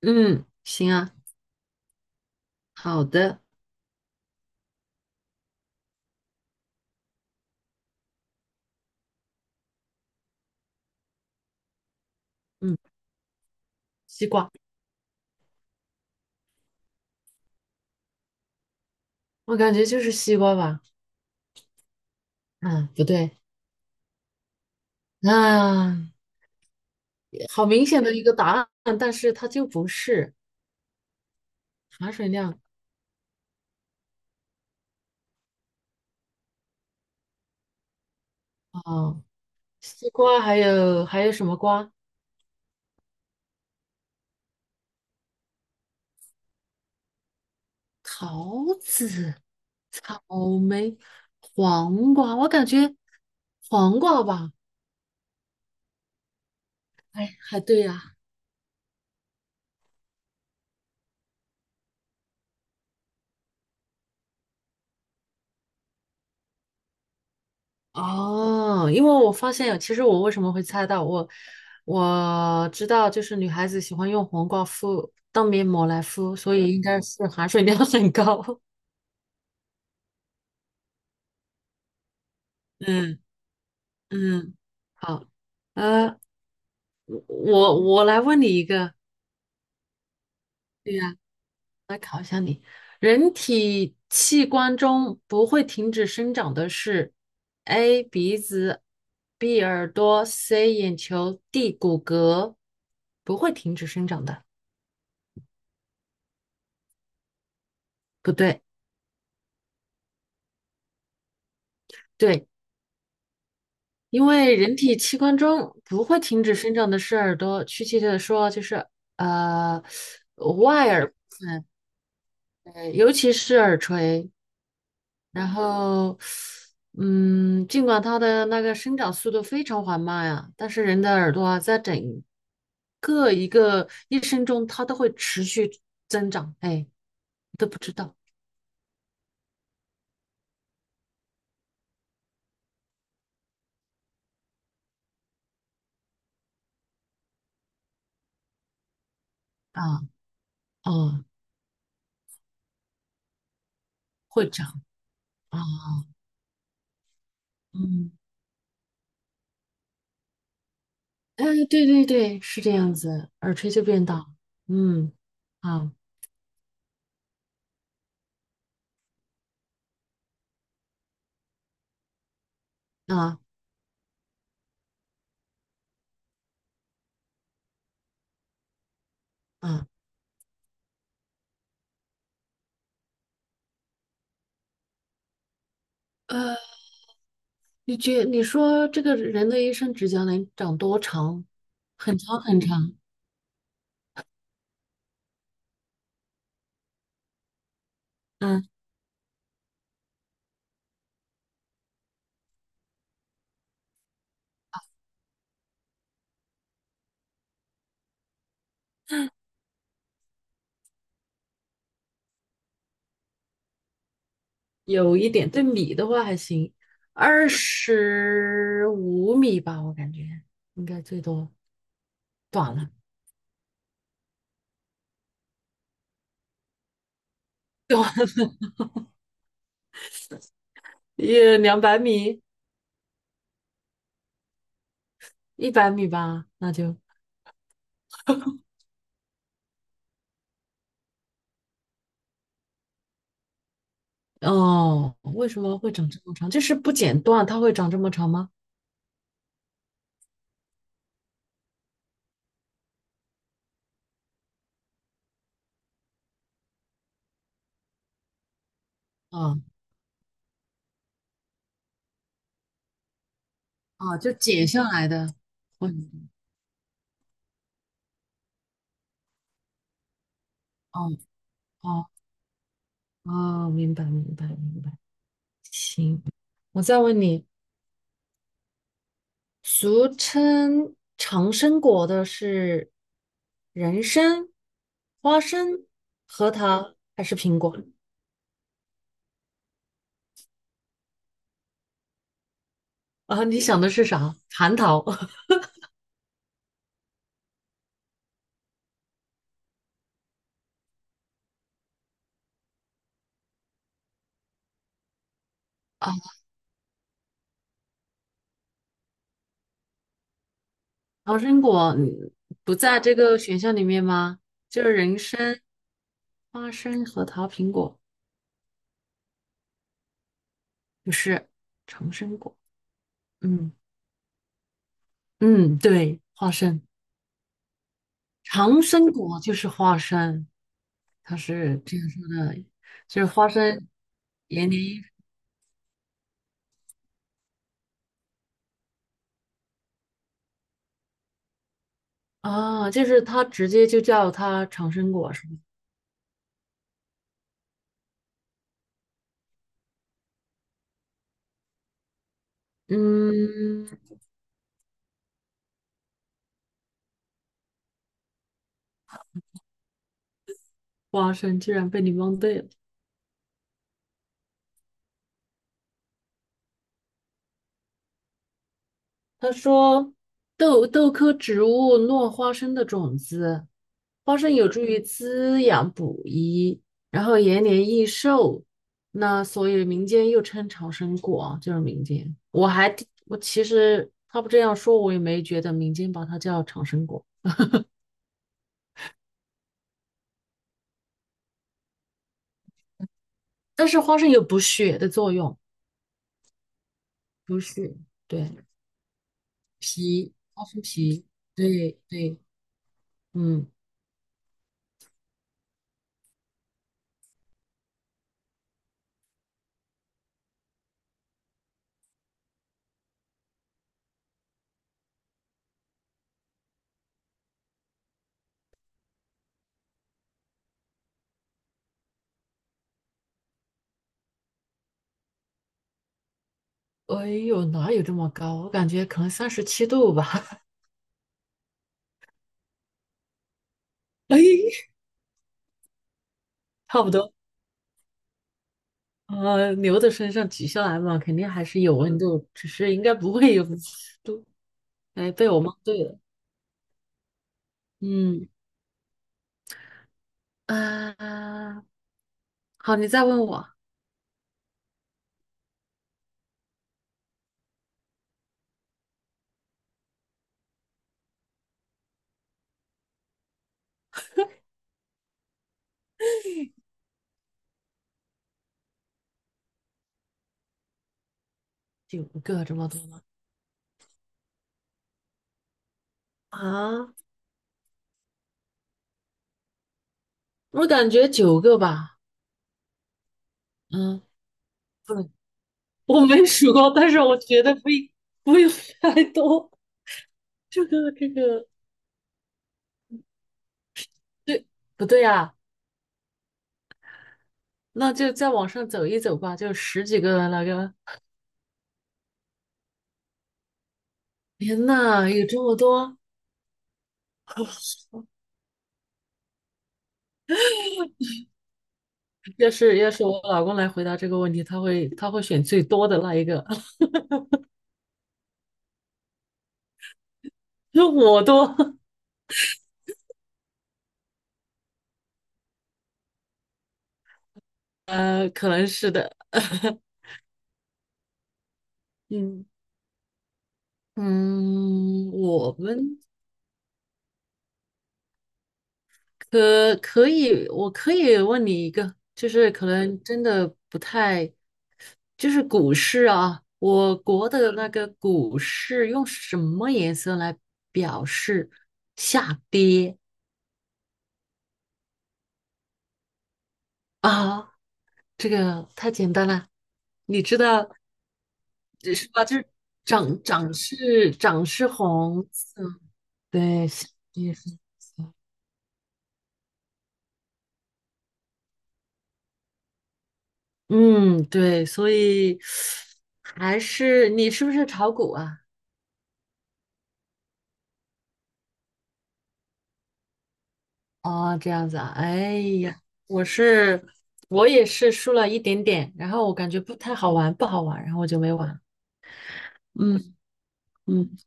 嗯，行啊，好的，嗯，西瓜，我感觉就是西瓜吧，嗯，不对，啊，好明显的一个答案，但是它就不是含水量。哦，西瓜还有什么瓜？桃子、草莓、黄瓜，我感觉黄瓜吧，哎，还对呀，哦，因为我发现有，其实我为什么会猜到，我知道，就是女孩子喜欢用黄瓜敷当面膜来敷，所以应该是含水量很高。嗯嗯，好，呃，我来问你一个，对呀，人体器官中不会停止生长的是 A 鼻子，B 耳朵，C 眼球，D 骨骼，不会停止生长的，不对。对。因为人体器官中不会停止生长的是耳朵，确切的说就是呃外耳部分，尤其是耳垂。然后，尽管它的那个生长速度非常缓慢呀，但是人的耳朵啊，在整个一个一生中，它都会持续增长。哎，都不知道啊，哦，会长啊，嗯。嗯，对对对，是这样子，耳垂就变大。嗯，啊啊啊，呃，你说这个人的一生指甲能长多长？很长很长。嗯，有一点，对米的话还行，25米吧，我感觉应该最多，短了，短也200米，100米吧，哦，为什么会长这么长？就是不剪断，它会长这么长吗？啊。哦，就解下来的，我哦哦哦，明白明白明白。行，我再问你，俗称长生果的是人参、花生、核桃还是苹果？啊，你想的是啥？蟠桃 啊，长生果不在这个选项里面吗？就是人参、花生、核桃、苹果，不是长生果。嗯嗯，对，花生。长生果就是花生，它是这样说的，就是花生延年益啊，就是它直接就叫它长生果是吗？嗯，花生居然被你蒙对了。他说豆科植物落花生的种子，花生有助于滋养补益，然后延年益寿。那所以民间又称长生果啊，就是民间。我还挺我其实他不这样说，我也没觉得民间把它叫长生果。但是花生有补血的作用，补血，对，皮，花生皮，对对，嗯，哎呦，哪有这么高？我感觉可能37度吧，哎，差不多。牛的身上取下来嘛，肯定还是有温度，只是应该不会有 哎，被我蒙对了。嗯，啊，好，你再问我九个这么多吗？啊，我感觉九个吧。嗯，不能，我没数过，但是我觉得不用太多。这个，对，不对啊？那就再往上走一走吧，就十几个那个。天呐，有这么多！要是我老公来回答这个问题，他会选最多的那一个。我多，可能是的。嗯。嗯，我们可以，我可以问你一个，就是可能真的不太，就是股市啊，我国的那个股市用什么颜色来表示下跌啊？这个太简单了，你知道是吧？就是涨是红色，对，下跌是。嗯，对，所以还是你是不是炒股啊？哦，这样子啊，哎呀，我是我也是输了一点点，然后我感觉不太好玩，不好玩，然后我就没玩。嗯嗯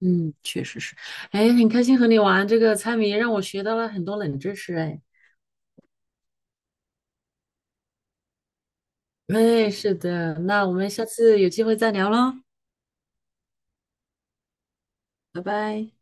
嗯，确实是，哎，很开心和你玩这个猜谜，让我学到了很多冷知识，哎，哎，是的，那我们下次有机会再聊喽，拜拜。